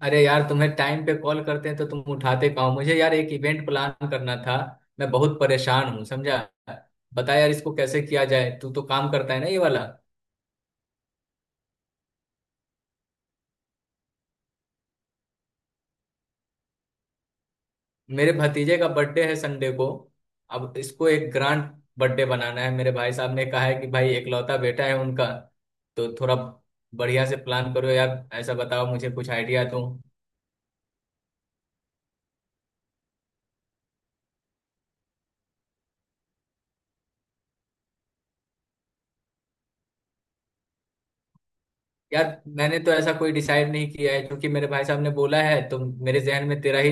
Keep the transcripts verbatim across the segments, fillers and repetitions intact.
अरे यार तुम्हें टाइम पे कॉल करते हैं तो तुम उठाते कहाँ हो? मुझे यार एक इवेंट प्लान करना था। मैं बहुत परेशान हूँ, समझा। बता यार इसको कैसे किया जाए, तू तो काम करता है ना ये वाला। मेरे भतीजे का बर्थडे है संडे को। अब इसको एक ग्रांड बर्थडे बनाना है, मेरे भाई साहब ने कहा है कि भाई एकलौता बेटा है उनका, तो थोड़ा बढ़िया से प्लान करो यार। ऐसा बताओ, मुझे कुछ आइडिया दो। यार मैंने तो ऐसा कोई डिसाइड नहीं किया है, क्योंकि मेरे भाई साहब ने बोला है तो मेरे जहन में तेरा ही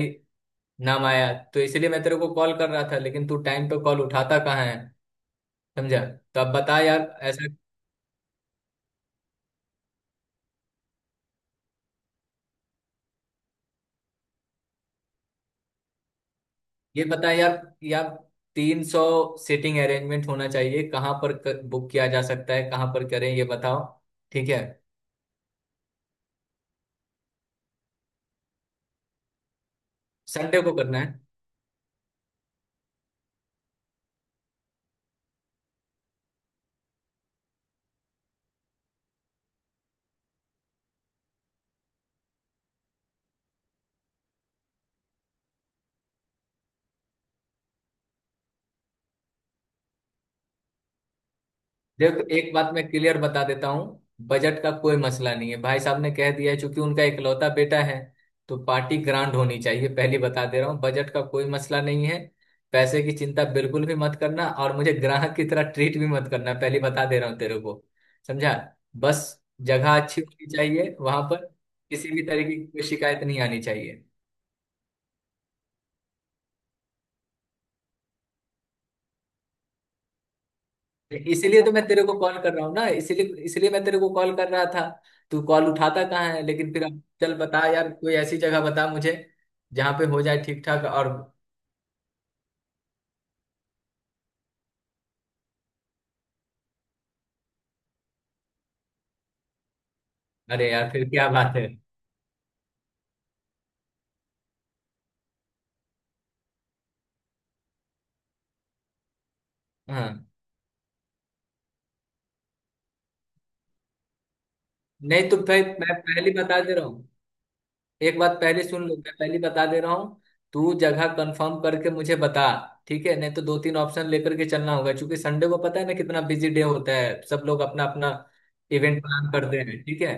नाम आया, तो इसलिए मैं तेरे को कॉल कर रहा था, लेकिन तू टाइम पे कॉल उठाता कहाँ है समझा। तो अब बता यार ऐसा। ये बता यार यार, तीन सौ सीटिंग अरेंजमेंट होना चाहिए, कहाँ पर बुक किया जा सकता है, कहाँ पर करें ये बताओ। ठीक है, संडे को करना है। देखो एक बात मैं क्लियर बता देता हूँ, बजट का कोई मसला नहीं है। भाई साहब ने कह दिया है, चूंकि उनका इकलौता बेटा है तो पार्टी ग्रांड होनी चाहिए। पहली बता दे रहा हूँ बजट का कोई मसला नहीं है, पैसे की चिंता बिल्कुल भी मत करना, और मुझे ग्राहक की तरह ट्रीट भी मत करना, पहली बता दे रहा हूँ तेरे को, समझा। बस जगह अच्छी होनी चाहिए वहां पर। किसी भी तरीके की कोई शिकायत नहीं आनी चाहिए। इसीलिए तो मैं तेरे को कॉल कर रहा हूँ ना, इसीलिए इसीलिए मैं तेरे को कॉल कर रहा था। तू कॉल उठाता कहाँ है, लेकिन फिर अब चल बता यार, कोई ऐसी जगह बता मुझे जहाँ पे हो जाए ठीक ठाक। और अरे यार फिर क्या बात है। हाँ, नहीं तो फिर मैं पहले ही बता दे रहा हूँ, एक बात पहले सुन लो, मैं पहले बता दे रहा हूँ, तू जगह कंफर्म करके मुझे बता। ठीक है, नहीं तो दो तीन ऑप्शन लेकर के चलना होगा, क्योंकि संडे को पता है ना कितना बिजी डे होता है। सब लोग अपना अपना इवेंट प्लान करते हैं ठीक है।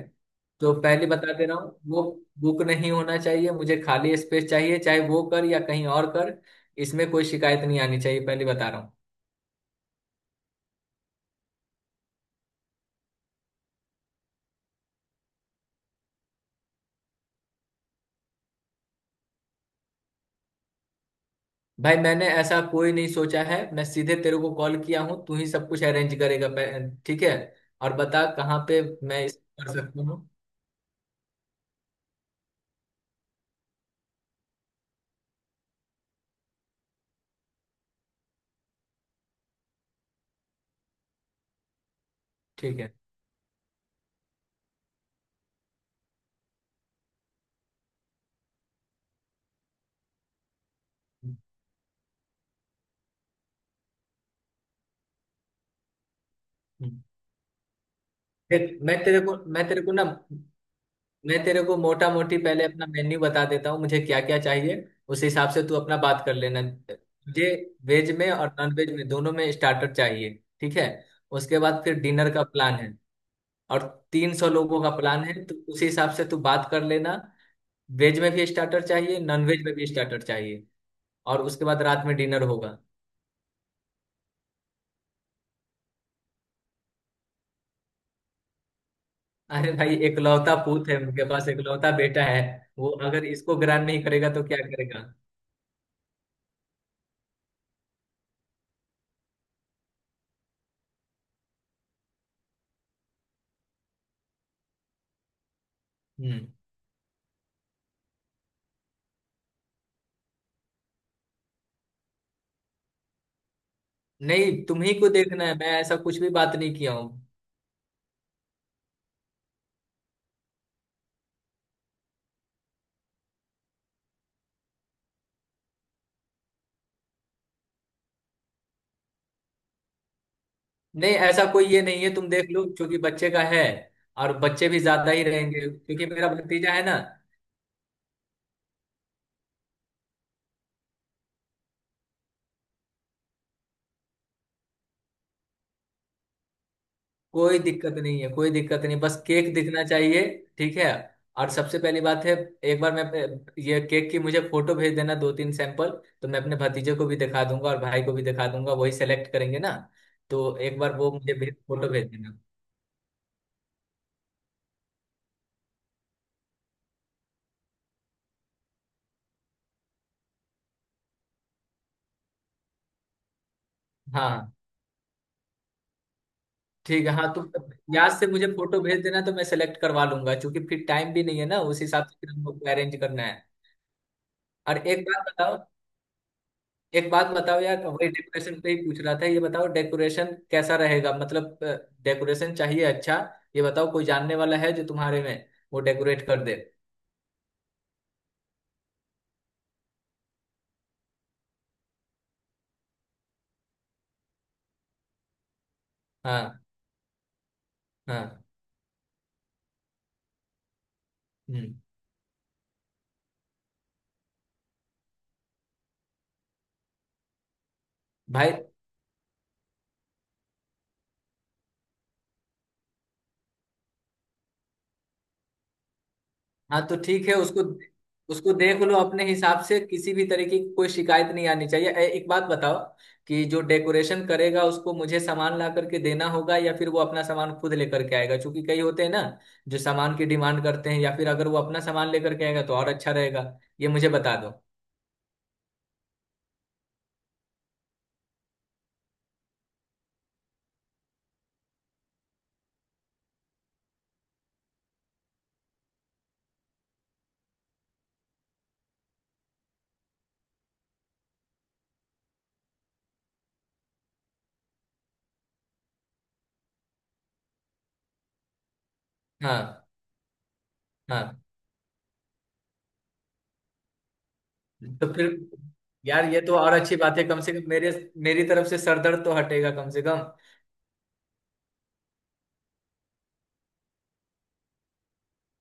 तो पहले बता दे रहा हूँ, वो बुक नहीं होना चाहिए, मुझे खाली स्पेस चाहिए, चाहे वो कर या कहीं और कर। इसमें कोई शिकायत नहीं आनी चाहिए, पहले बता रहा हूँ। भाई मैंने ऐसा कोई नहीं सोचा है, मैं सीधे तेरे को कॉल किया हूँ, तू ही सब कुछ अरेंज करेगा पह- ठीक है। और बता कहाँ पे मैं इस कर सकता हूँ। ठीक है, देख मैं तेरे को मैं तेरे को ना मैं तेरे को मोटा मोटी पहले अपना मेन्यू बता देता हूँ, मुझे क्या क्या चाहिए, उस हिसाब से तू अपना बात कर लेना। मुझे वेज में और नॉन वेज में दोनों में स्टार्टर चाहिए ठीक है। उसके बाद फिर डिनर का प्लान है। और तीन सौ लोगों का प्लान है, तो उसी हिसाब से तू बात कर लेना। वेज में भी स्टार्टर चाहिए, नॉन वेज में भी स्टार्टर चाहिए, और उसके बाद रात में डिनर होगा। अरे भाई एकलौता पूत है उनके पास, एकलौता बेटा है। वो अगर इसको ग्रहण नहीं करेगा तो क्या करेगा। हम्म। नहीं, तुम्ही को देखना है, मैं ऐसा कुछ भी बात नहीं किया हूँ। नहीं ऐसा कोई ये नहीं है, तुम देख लो, क्योंकि बच्चे का है, और बच्चे भी ज्यादा ही रहेंगे क्योंकि मेरा भतीजा है ना। कोई दिक्कत नहीं है, कोई दिक्कत नहीं, बस केक दिखना चाहिए। ठीक है, और सबसे पहली बात है, एक बार मैं ये केक की मुझे फोटो भेज देना दो तीन सैंपल, तो मैं अपने भतीजे को भी दिखा दूंगा और भाई को भी दिखा दूंगा, वही सेलेक्ट करेंगे ना। तो एक बार वो मुझे भेज, फोटो भेज देना। हाँ, ठीक है। हाँ तो याद से मुझे फोटो भेज देना, तो मैं सेलेक्ट करवा लूंगा, क्योंकि फिर टाइम भी नहीं है ना, उस हिसाब से फिर हम लोग को अरेंज करना है। और एक बात बताओ, एक बात बताओ यार, वही डेकोरेशन पे ही पूछ रहा था, ये बताओ डेकोरेशन कैसा रहेगा, मतलब डेकोरेशन चाहिए अच्छा। ये बताओ कोई जानने वाला है जो तुम्हारे में वो डेकोरेट कर दे। हाँ। हाँ। हम्म। भाई। हाँ, तो ठीक है उसको, उसको देख लो अपने हिसाब से, किसी भी तरीके की कोई शिकायत नहीं आनी चाहिए। ए, एक बात बताओ, कि जो डेकोरेशन करेगा उसको मुझे सामान ला करके देना होगा, या फिर वो अपना सामान खुद लेकर के आएगा, क्योंकि कई होते हैं ना जो सामान की डिमांड करते हैं। या फिर अगर वो अपना सामान लेकर के आएगा तो और अच्छा रहेगा, ये मुझे बता दो। हाँ। हाँ, तो फिर यार ये तो और अच्छी बात है, कम से कम मेरे मेरी तरफ से सरदर्द तो हटेगा कम से कम।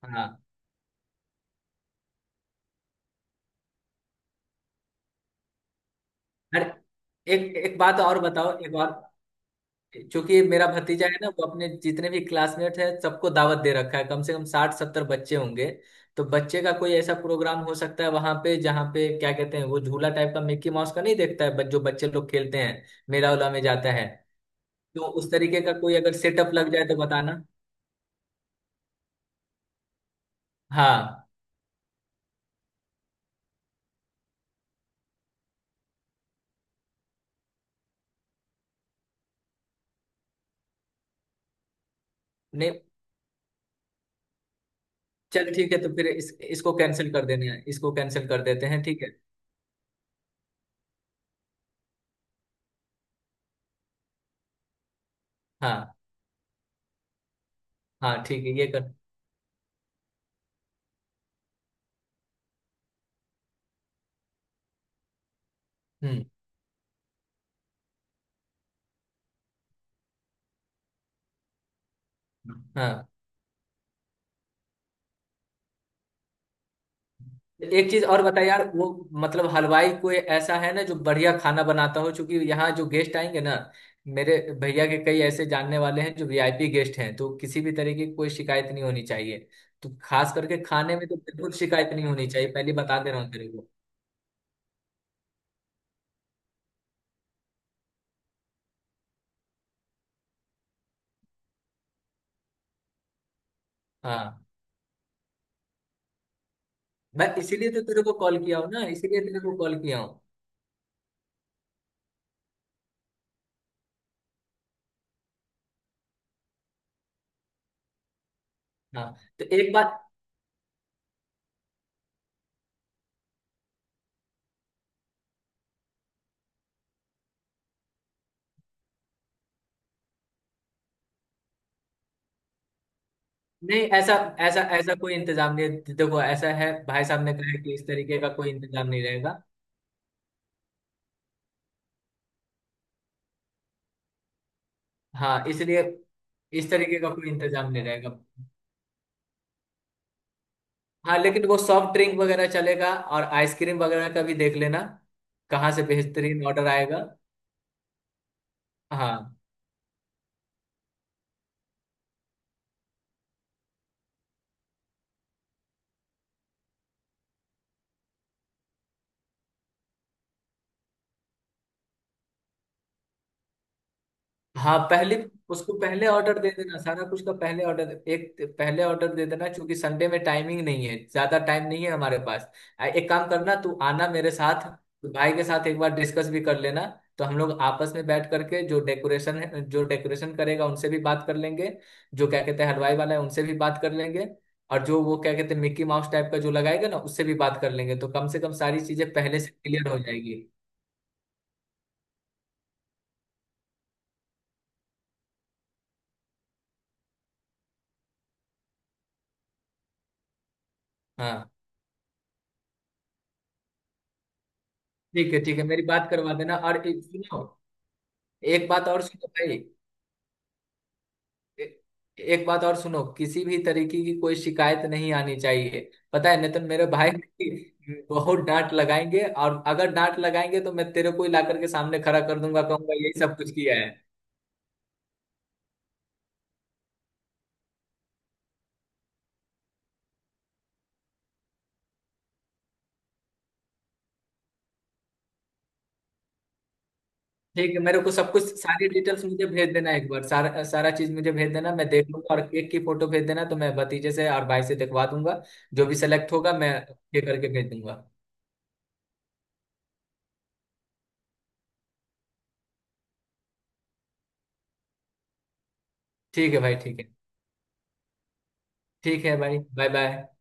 हाँ। अरे, एक एक बात और बताओ, एक और, क्योंकि मेरा भतीजा है ना, वो अपने जितने भी क्लासमेट है सबको दावत दे रखा है, कम से कम साठ सत्तर बच्चे होंगे। तो बच्चे का कोई ऐसा प्रोग्राम हो सकता है वहां पे, जहाँ पे क्या कहते हैं वो झूला टाइप का, मिक्की माउस का नहीं देखता है बच- जो बच्चे लोग खेलते हैं, मेला उला में जाता है, तो उस तरीके का कोई अगर सेटअप लग जाए तो बताना। हाँ। नहीं। चल ठीक है, तो फिर इस, इसको कैंसिल कर देना है, इसको कैंसिल कर देते हैं ठीक है। हाँ। हाँ ठीक है, ये कर। हम्म। हाँ, एक चीज और बता यार, वो मतलब हलवाई कोई ऐसा है ना जो बढ़िया खाना बनाता हो, क्योंकि यहाँ जो गेस्ट आएंगे ना, मेरे भैया के कई ऐसे जानने वाले हैं जो वीआईपी गेस्ट हैं, तो किसी भी तरीके की कोई शिकायत नहीं होनी चाहिए, तो खास करके खाने में तो बिल्कुल शिकायत नहीं होनी चाहिए, पहले बता दे रहा हूँ तेरे को। हाँ, मैं इसीलिए तो तेरे को कॉल किया हूँ ना, इसीलिए तेरे को कॉल किया हूँ। हाँ, तो एक बात। नहीं, ऐसा ऐसा ऐसा कोई इंतजाम नहीं है, देखो ऐसा है, भाई साहब ने कहा है कि इस तरीके का कोई इंतजाम नहीं रहेगा। हाँ, इसलिए इस तरीके का कोई इंतजाम नहीं रहेगा। हाँ लेकिन वो सॉफ्ट ड्रिंक वगैरह चलेगा, और आइसक्रीम वगैरह का भी देख लेना, कहाँ से बेहतरीन ऑर्डर आएगा। हाँ। हाँ, पहले उसको पहले ऑर्डर दे देना, सारा कुछ का पहले ऑर्डर, एक पहले ऑर्डर दे देना, क्योंकि संडे में टाइमिंग नहीं है, ज्यादा टाइम नहीं है हमारे पास। आ- एक काम करना, तू आना मेरे साथ, तो भाई के साथ एक बार डिस्कस भी कर लेना। तो हम लोग आपस में बैठ करके, जो डेकोरेशन है, जो डेकोरेशन करेगा उनसे भी बात कर लेंगे, जो क्या कहते हैं हलवाई वाला है उनसे भी बात कर लेंगे, और जो वो क्या कहते हैं मिक्की माउस टाइप का जो लगाएगा ना, उससे भी बात कर लेंगे, तो कम से कम सारी चीजें पहले से क्लियर हो जाएगी। हाँ। ठीक है ठीक है, मेरी बात करवा देना। और एक- सुनो, एक बात और सुनो भाई, ए- एक बात और सुनो, किसी भी तरीके की कोई शिकायत नहीं आनी चाहिए, पता है? नहीं तो मेरे भाई की बहुत डांट लगाएंगे, और अगर डांट लगाएंगे तो मैं तेरे को ही ला करके सामने खड़ा कर दूंगा, कहूंगा यही सब कुछ किया है। ठीक है, मेरे को सब कुछ, सारी डिटेल्स मुझे भेज देना, एक बार सारा सारा चीज मुझे भेज देना, मैं देख लूंगा, और केक की फोटो भेज देना तो मैं भतीजे से और भाई से दिखवा दूंगा। जो भी सेलेक्ट होगा मैं ये करके भेज दूंगा। ठीक है भाई, ठीक है, ठीक है भाई, बाय बाय।